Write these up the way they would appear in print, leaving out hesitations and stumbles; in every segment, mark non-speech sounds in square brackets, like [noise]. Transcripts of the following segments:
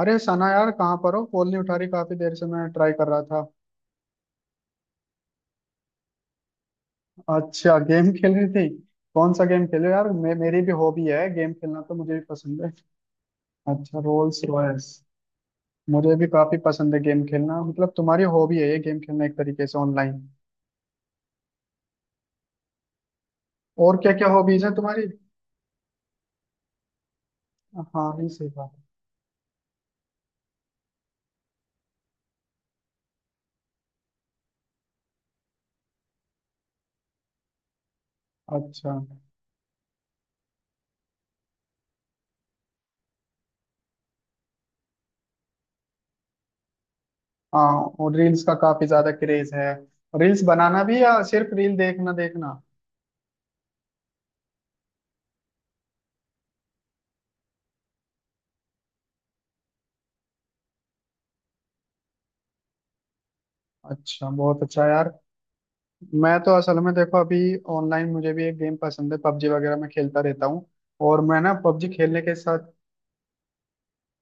अरे सना यार, कहाँ पर हो? कॉल नहीं उठा रही, काफी देर से मैं ट्राई कर रहा था। अच्छा, गेम [laughs] खेल रही थी। कौन सा गेम खेलो यार? मेरी भी हॉबी है गेम खेलना, तो मुझे भी पसंद है। अच्छा, रोल्स रॉयस। मुझे भी काफी पसंद है गेम खेलना। मतलब तुम्हारी हॉबी है ये गेम खेलना एक तरीके से, ऑनलाइन। और क्या क्या हॉबीज है तुम्हारी? हाँ, नहीं, सही बात। अच्छा। हाँ, और रील्स का काफी ज्यादा क्रेज है। रील्स बनाना भी या सिर्फ रील देखना देखना? अच्छा, बहुत अच्छा यार। मैं तो असल में देखो, अभी ऑनलाइन मुझे भी एक गेम पसंद है, पबजी वगैरह मैं खेलता रहता हूँ। और मैं ना पबजी खेलने के साथ।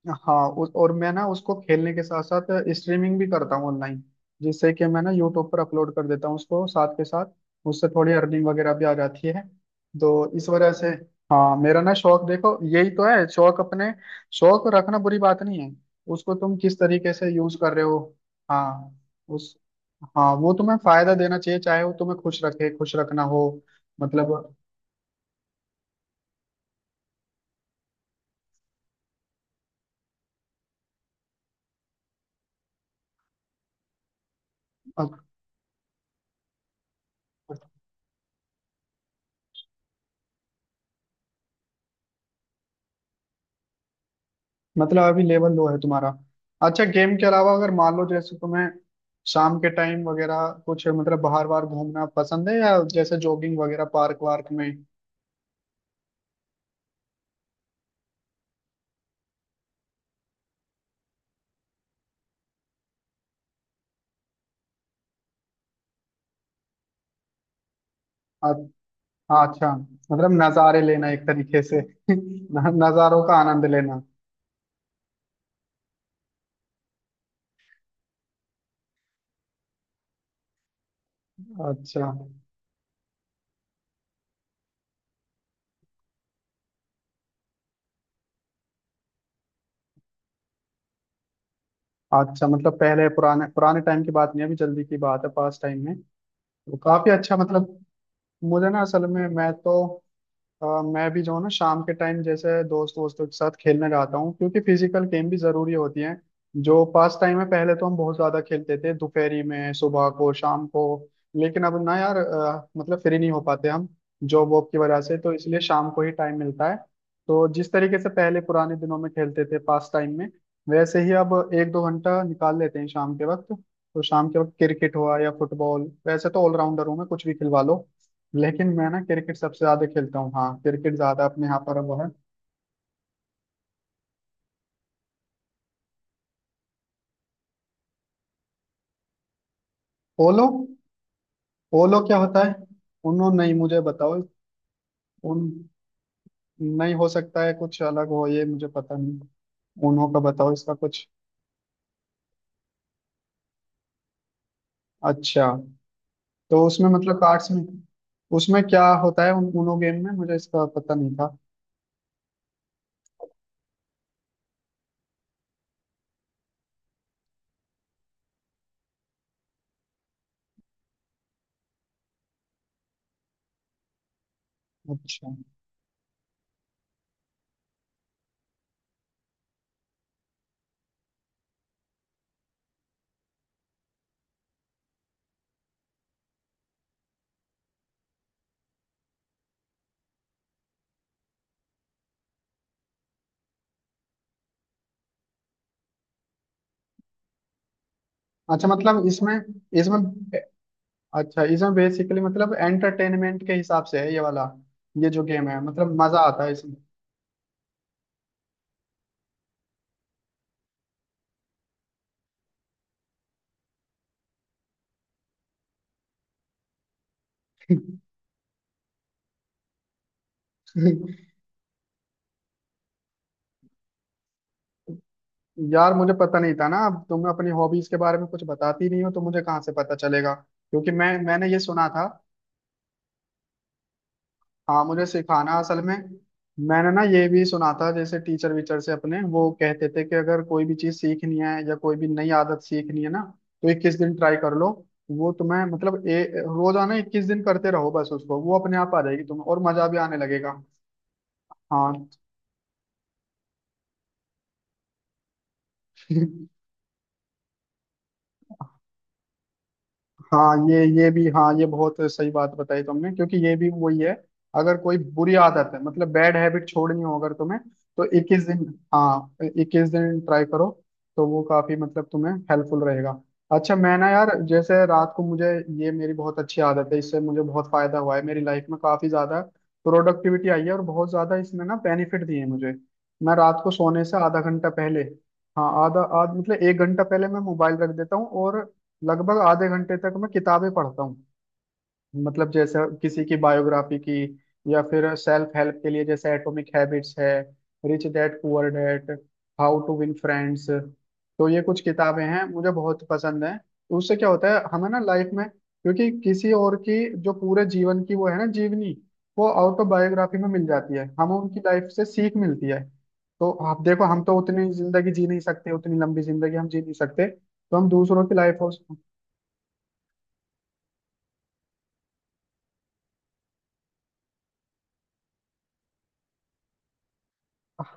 हाँ, और मैं ना उसको खेलने के साथ साथ स्ट्रीमिंग भी करता हूँ ऑनलाइन। जिससे कि मैं ना यूट्यूब पर अपलोड कर देता हूँ उसको साथ के साथ। उससे थोड़ी अर्निंग वगैरह भी आ जाती है। तो इस वजह से। हाँ, मेरा ना शौक देखो, यही तो है शौक अपने। शौक रखना बुरी बात नहीं है। उसको तुम किस तरीके से यूज कर रहे हो? हाँ, उस। हाँ, वो तुम्हें फायदा देना चाहिए, चाहे वो तुम्हें खुश रखे, खुश रखना हो। मतलब। मतलब अभी लेवल लो है तुम्हारा। अच्छा, गेम के अलावा अगर मान लो जैसे तुम्हें शाम के टाइम वगैरह कुछ मतलब बाहर बाहर घूमना पसंद है, या जैसे जॉगिंग वगैरह पार्क वार्क में? अ- हाँ, अच्छा, मतलब नज़ारे लेना एक तरीके से [laughs] नज़ारों का आनंद लेना। अच्छा। अच्छा, मतलब पहले पुराने पुराने टाइम की बात नहीं, अभी जल्दी की बात है, पास टाइम में। तो काफी अच्छा, मतलब मुझे ना असल में, मैं तो मैं भी जो है ना शाम के टाइम जैसे दोस्त वोस्तों के साथ खेलने जाता हूँ, क्योंकि फिजिकल गेम भी जरूरी होती हैं। जो पास टाइम है, पहले तो हम बहुत ज्यादा खेलते थे, दोपहरी में, सुबह को, शाम को। लेकिन अब ना यार, मतलब फ्री नहीं हो पाते हम। जॉब वॉब की वजह से, तो इसलिए शाम को ही टाइम मिलता है। तो जिस तरीके से पहले पुराने दिनों में खेलते थे पास टाइम में, वैसे ही अब एक दो घंटा निकाल लेते हैं शाम के वक्त। तो शाम के वक्त क्रिकेट हुआ या फुटबॉल, वैसे तो ऑलराउंडर हूँ मैं, कुछ भी खिलवा लो। लेकिन मैं ना क्रिकेट सबसे ज्यादा खेलता हूँ। हाँ, क्रिकेट ज्यादा अपने यहाँ पर वो है। पोलो। पोलो क्या होता है? उन्होंने नहीं, मुझे बताओ। उन। नहीं, हो सकता है कुछ अलग हो, ये मुझे पता नहीं। उन्हों का बताओ, इसका कुछ। अच्छा। तो उसमें मतलब कार्ड्स में। उसमें क्या होता है उन उनो गेम में? मुझे इसका पता नहीं था। अच्छा। अच्छा मतलब इसमें, इसमें, अच्छा, इसमें बेसिकली मतलब एंटरटेनमेंट के हिसाब से है ये वाला। ये जो गेम है, मतलब मजा आता है इसमें? [laughs] यार, मुझे पता नहीं था ना, अब तुम अपनी हॉबीज के बारे में कुछ बताती नहीं हो तो मुझे कहाँ से पता चलेगा? क्योंकि मैंने ये सुना था। हाँ, मुझे सिखाना असल में। मैंने ना ये भी सुना था, जैसे टीचर वीचर से अपने वो कहते थे कि अगर कोई भी चीज सीखनी है या कोई भी नई आदत सीखनी है ना, तो 21 दिन ट्राई कर लो। वो तुम्हें मतलब, ए, रोजाना 21 दिन करते रहो बस उसको, वो अपने आप आ जाएगी तुम्हें और मजा भी आने लगेगा। हाँ। [laughs] हाँ, ये भी, हाँ, ये बहुत सही बात बताई तुमने, क्योंकि ये भी वही है। अगर कोई बुरी आदत है, मतलब बैड हैबिट छोड़नी हो अगर तुम्हें, तो 21 दिन, हाँ, 21 दिन ट्राई करो। तो वो काफी, मतलब, तुम्हें हेल्पफुल रहेगा। अच्छा, मैं ना यार जैसे रात को मुझे, ये मेरी बहुत अच्छी आदत है, इससे मुझे बहुत फायदा हुआ है मेरी लाइफ में, काफी ज्यादा प्रोडक्टिविटी आई है, और बहुत ज्यादा इसने ना बेनिफिट दिए हैं मुझे। मैं रात को सोने से आधा घंटा पहले, हाँ, आधा आध मतलब एक घंटा पहले मैं मोबाइल रख देता हूँ, और लगभग आधे घंटे तक मैं किताबें पढ़ता हूँ। मतलब जैसे किसी की बायोग्राफी की, या फिर सेल्फ हेल्प के लिए, जैसे एटॉमिक हैबिट्स है, rich dad poor dad, how to win friends. तो ये कुछ किताबें हैं, मुझे बहुत पसंद है। उससे क्या होता है हमें ना लाइफ में, क्योंकि किसी और की जो पूरे जीवन की वो है ना, जीवनी, वो ऑटोबायोग्राफी में मिल जाती है, हमें उनकी लाइफ से सीख मिलती है। तो आप देखो, हम तो उतनी जिंदगी जी नहीं सकते, उतनी लंबी जिंदगी हम जी नहीं सकते। तो हम दूसरों की लाइफ।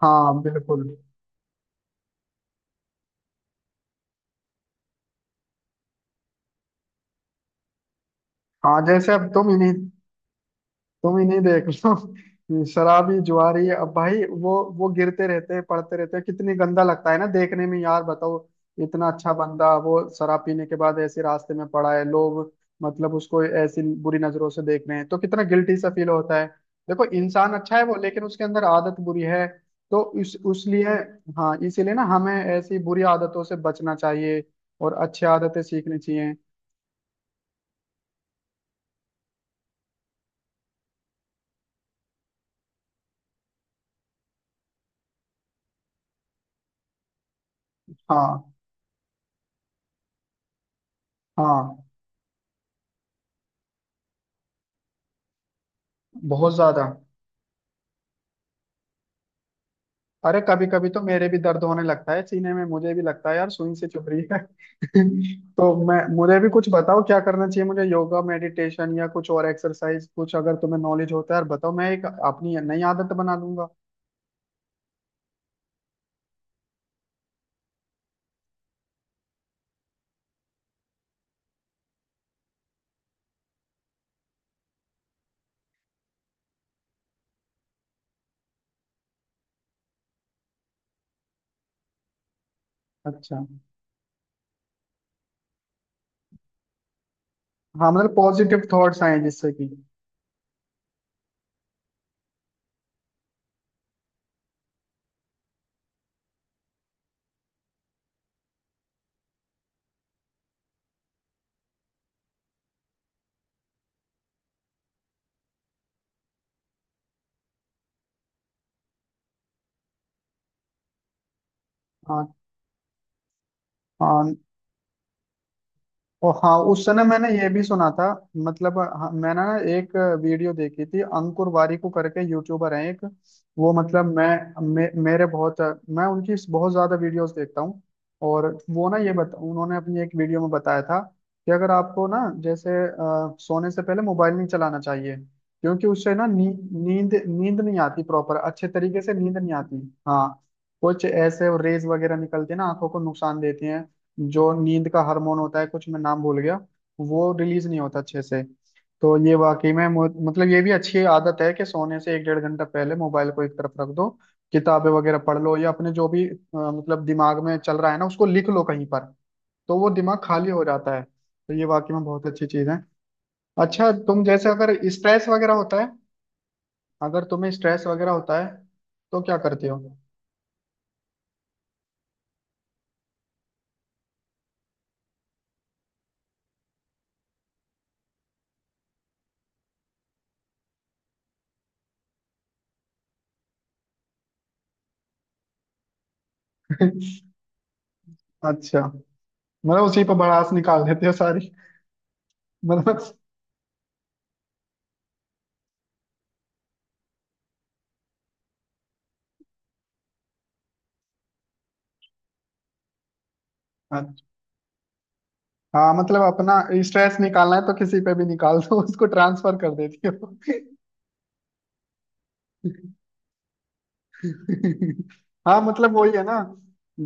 हाँ, बिल्कुल। हाँ, जैसे अब तुम इन्हीं, तुम इन्हीं देख लो, शराबी जुआरी, अब भाई वो गिरते रहते हैं, पड़ते रहते हैं, कितनी गंदा लगता है ना देखने में यार, बताओ। इतना अच्छा बंदा, वो शराब पीने के बाद ऐसे रास्ते में पड़ा है, लोग मतलब उसको ऐसी बुरी नजरों से देख रहे हैं, तो कितना गिल्टी सा फील होता है। देखो इंसान अच्छा है वो, लेकिन उसके अंदर आदत बुरी है। तो इस उसलिए, हाँ, इसीलिए ना हमें ऐसी बुरी आदतों से बचना चाहिए। और अच्छी आदतें सीखनी चाहिए। हाँ। हाँ। बहुत ज्यादा। अरे, कभी कभी तो मेरे भी दर्द होने लगता है सीने में, मुझे भी लगता है यार सुई से चुभ रही है [laughs] तो मैं मुझे भी कुछ बताओ क्या करना चाहिए, मुझे योगा, मेडिटेशन या कुछ और एक्सरसाइज कुछ, अगर तुम्हें नॉलेज होता है यार बताओ, मैं एक अपनी नई आदत बना लूंगा। अच्छा। हाँ, मतलब पॉजिटिव थॉट्स आए जिससे कि, हाँ, हाँ, और हाँ, उस समय मैंने ये भी सुना था। मतलब हाँ, मैंने ना एक वीडियो देखी थी, अंकुर वारिकू करके यूट्यूबर हैं एक। वो मतलब मेरे बहुत, मैं उनकी बहुत ज्यादा वीडियोस देखता हूँ। और वो ना ये बता उन्होंने अपनी एक वीडियो में बताया था कि अगर आपको ना, जैसे सोने से पहले मोबाइल नहीं चलाना चाहिए। क्योंकि उससे ना नी, नींद नींद नहीं आती प्रॉपर, अच्छे तरीके से नींद नहीं आती। हाँ। कुछ ऐसे रेज वगैरह निकलती है ना, आंखों को नुकसान देती हैं। जो नींद का हार्मोन होता है कुछ, मैं नाम भूल गया। वो रिलीज नहीं होता अच्छे से। तो ये वाकई में मतलब ये भी अच्छी आदत है कि सोने से एक डेढ़ घंटा पहले मोबाइल को एक तरफ रख दो। किताबें वगैरह पढ़ लो, या अपने जो भी मतलब दिमाग में चल रहा है ना उसको लिख लो कहीं पर। तो वो दिमाग खाली हो जाता है, तो ये वाकई में बहुत अच्छी चीज है। अच्छा, तुम जैसे अगर स्ट्रेस वगैरह होता है, अगर तुम्हें स्ट्रेस वगैरह होता है तो क्या करते हो? [laughs] अच्छा, मतलब उसी पर भड़ास निकाल देते हो सारी। मतलब, हाँ, मतलब अपना स्ट्रेस निकालना है तो किसी पे भी निकाल दो, उसको ट्रांसफर कर देती हो। [laughs] हाँ, मतलब वही है ना,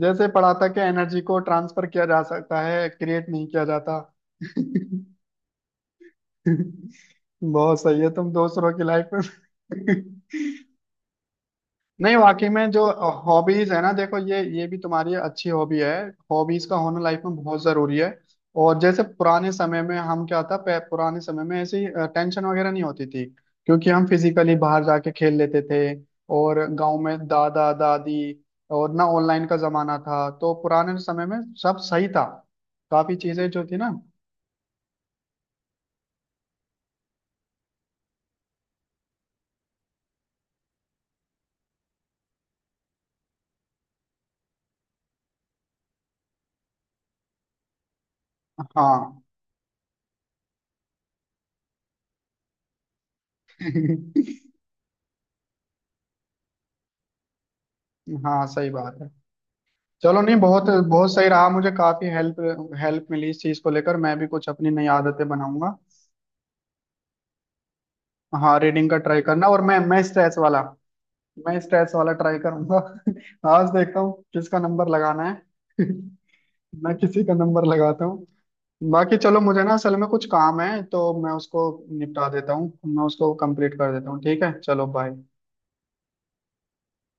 जैसे पढ़ा था कि एनर्जी को ट्रांसफर किया जा सकता है, क्रिएट नहीं किया जाता। [laughs] बहुत सही है, तुम दूसरों की लाइफ में [laughs] नहीं वाकई में, जो हॉबीज है ना, देखो ये भी तुम्हारी अच्छी हॉबी है। हॉबीज का होना लाइफ में बहुत जरूरी है। और जैसे पुराने समय में हम क्या था, पुराने समय में ऐसी टेंशन वगैरह नहीं होती थी। क्योंकि हम फिजिकली बाहर जाके खेल लेते थे। और गांव में दादा दादी, और ना ऑनलाइन का जमाना था, तो पुराने समय में सब सही था, काफी चीजें जो थी ना। हाँ। [laughs] हाँ, सही बात है। चलो, नहीं, बहुत बहुत सही रहा, मुझे काफी हेल्प, हेल्प मिली इस चीज को लेकर, मैं भी कुछ अपनी नई आदतें बनाऊंगा। हाँ, रीडिंग का ट्राई करना, और मैं स्ट्रेस वाला, मैं स्ट्रेस वाला ट्राई करूंगा। [laughs] आज देखता हूँ किसका नंबर लगाना है। [laughs] मैं किसी का नंबर लगाता हूँ। बाकी चलो, मुझे ना असल में कुछ काम है, तो मैं उसको निपटा देता हूँ, मैं उसको कंप्लीट कर देता हूँ, ठीक है, चलो बाय।